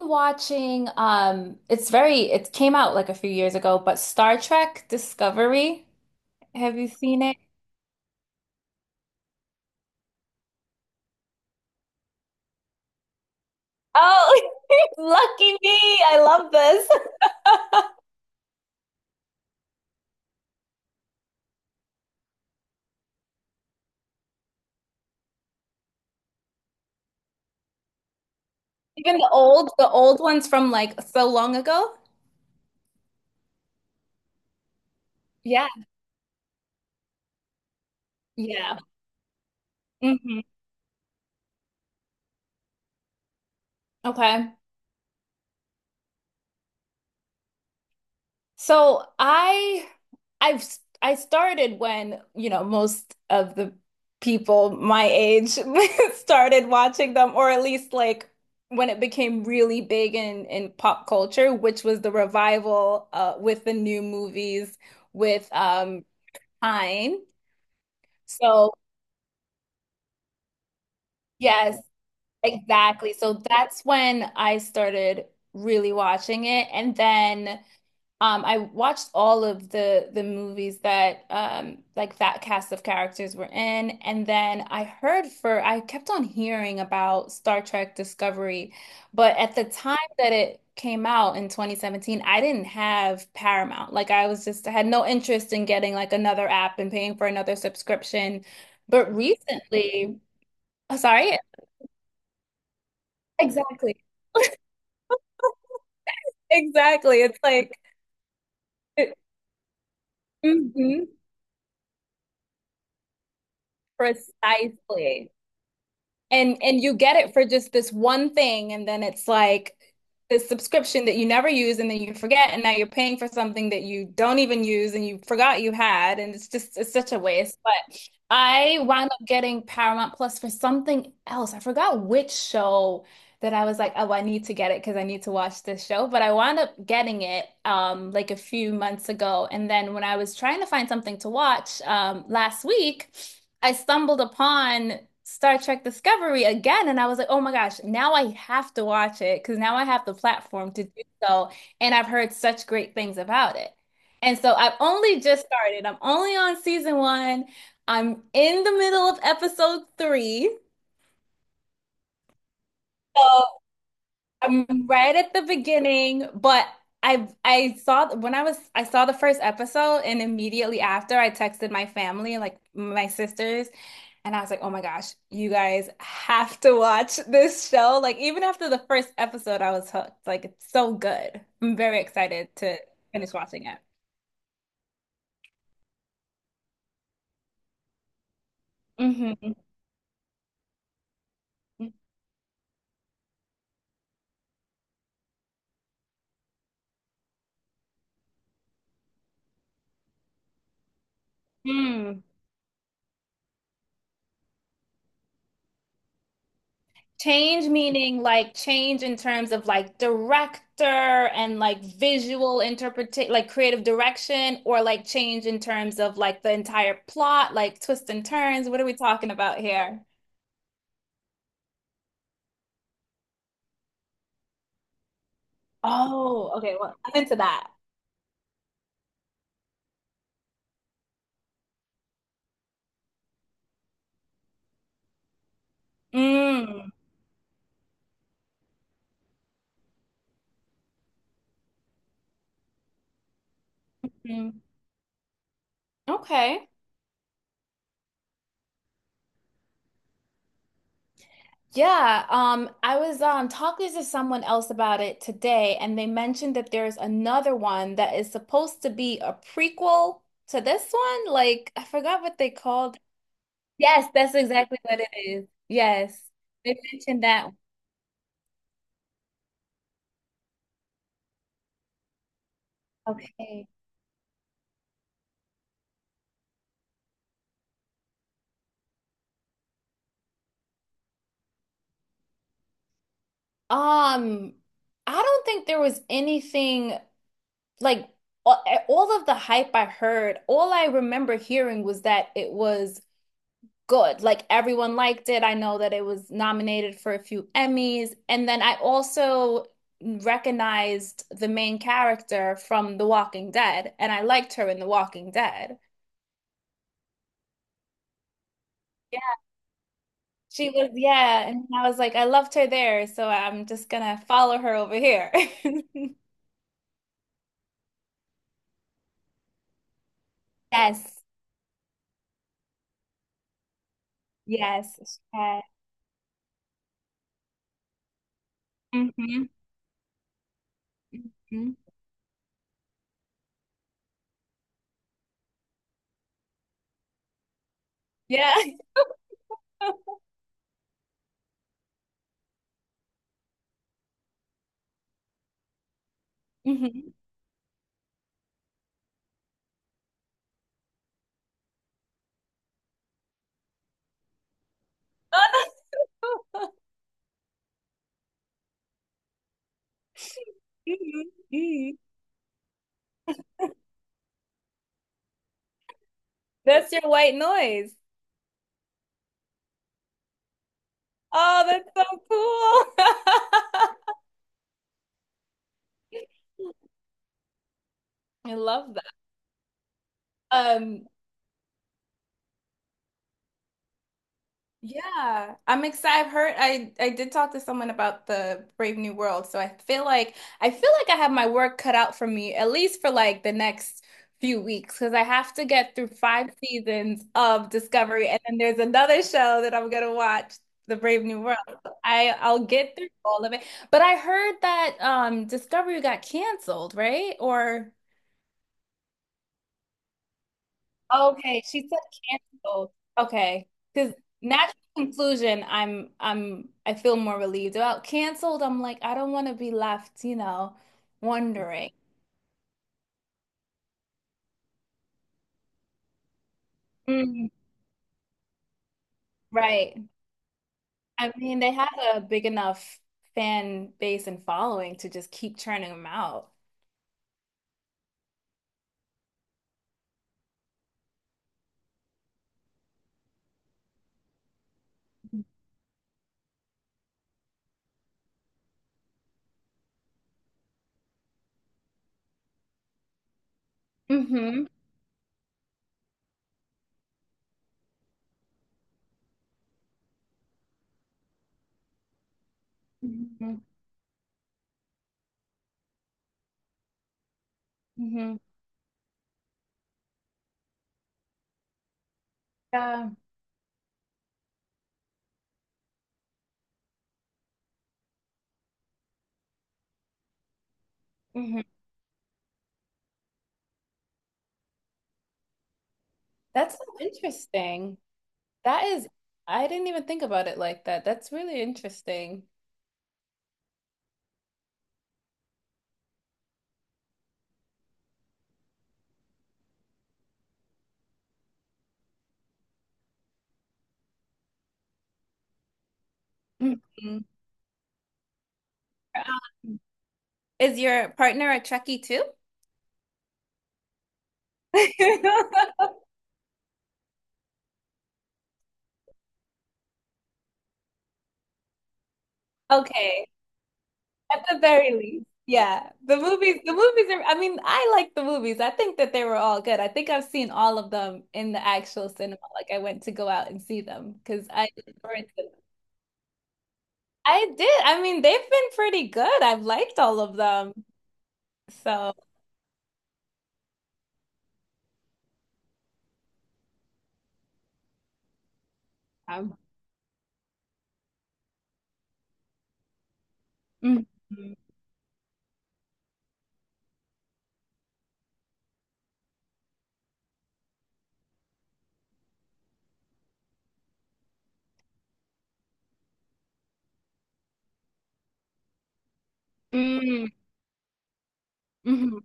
Watching it's very it came out like a few years ago but Star Trek Discovery. Have you seen it? Oh, lucky me. I love this. Even the old ones from like so long ago. Yeah. Yeah. Hmm. Okay. So I I started when, you know, most of the people my age started watching them, or at least like when it became really big in pop culture, which was the revival with the new movies with Pine. So yes, exactly. So that's when I started really watching it. And then I watched all of the movies that like that cast of characters were in, and then I heard for I kept on hearing about Star Trek Discovery, but at the time that it came out in 2017, I didn't have Paramount. Like I was just I had no interest in getting like another app and paying for another subscription. But recently, oh, sorry, exactly. Exactly. It's like, it- mhm, precisely. And you get it for just this one thing, and then it's like this subscription that you never use and then you forget, and now you're paying for something that you don't even use and you forgot you had, and it's just it's such a waste. But I wound up getting Paramount Plus for something else. I forgot which show that I was like, oh, I need to get it because I need to watch this show. But I wound up getting it like a few months ago. And then when I was trying to find something to watch last week, I stumbled upon Star Trek Discovery again, and I was like, oh my gosh, now I have to watch it because now I have the platform to do so, and I've heard such great things about it. And so I've only just started. I'm only on season one. I'm in the middle of episode three. So I'm right at the beginning, but I saw when I was I saw the first episode and immediately after I texted my family, like my sisters, and I was like, "Oh my gosh, you guys have to watch this show." Like even after the first episode, I was hooked. Like it's so good. I'm very excited to finish watching it. Hmm. Change meaning like change in terms of like director and like visual interpretation, like creative direction, or like change in terms of like the entire plot, like twists and turns. What are we talking about here? Oh, okay. Well, I'm into that. Mm. Mm. Okay. Yeah, I was talking to someone else about it today, and they mentioned that there's another one that is supposed to be a prequel to this one. Like, I forgot what they called. Yes, that's exactly what it is. Yes. They mentioned that one. Okay. Um, I don't think there was anything like all, all of the hype I heard, all I remember hearing was that it was good. Like everyone liked it. I know that it was nominated for a few Emmys. And then I also recognized the main character from The Walking Dead, and I liked her in The Walking Dead. She was, yeah. And I was like, I loved her there, so I'm just gonna follow her over here. Yes. Yes. Yeah. Mm-hmm. Hmm. Yeah. Mhm. Oh, no. Mhm. Mhm. That's your white noise. Oh, that's so cool. I love that. Um, Yeah, I'm excited. I did talk to someone about the Brave New World, so I feel like I have my work cut out for me at least for like the next few weeks because I have to get through five seasons of Discovery, and then there's another show that I'm gonna watch, The Brave New World. So I'll get through all of it, but I heard that Discovery got canceled, right? Or okay, she said canceled. Okay, because natural conclusion, I feel more relieved about canceled. I'm like I don't want to be left, you know, wondering. Mm, right. I mean, they have a big enough fan base and following to just keep churning them out. Mm-hmm. Mm-hmm. Mm-hmm. Yeah. Hmm. That's so interesting. That is, I didn't even think about it like that. That's really interesting. Mhm. Is your partner a Trekkie too? Okay, at the very least. Yeah. The movies are, I mean, I like the movies. I think that they were all good. I think I've seen all of them in the actual cinema. Like I went to go out and see them because I or them. I did. I mean, they've been pretty good. I've liked all of them. So, um, mhm. Mm, mhm.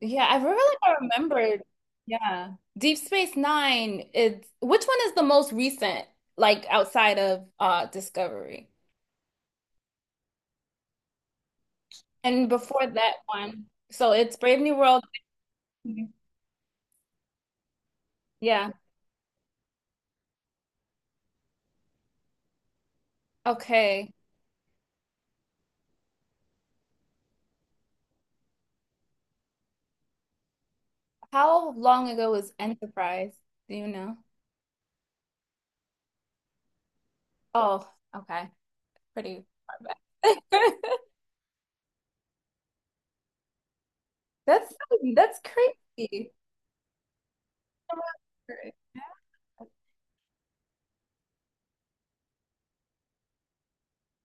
Yeah, I really I remembered. Yeah. Deep Space Nine, it's which one is the most recent, like outside of Discovery? And before that one, so it's Brave New World. Mhm. Yeah. Okay. How long ago was Enterprise? Do you know? Oh, okay. Pretty far back. That's that's crazy.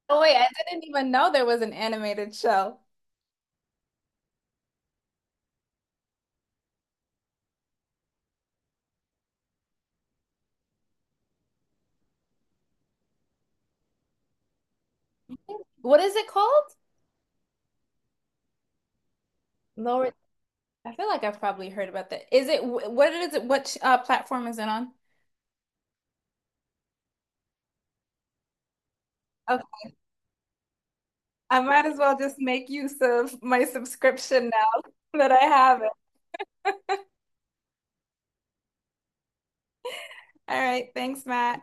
Oh wait, I didn't even know there was an animated show. What is it called? Lower. I feel like I've probably heard about that. Is it? What platform is it on? Okay, I might as well just make use of my subscription now that I have it. All right, thanks, Matt.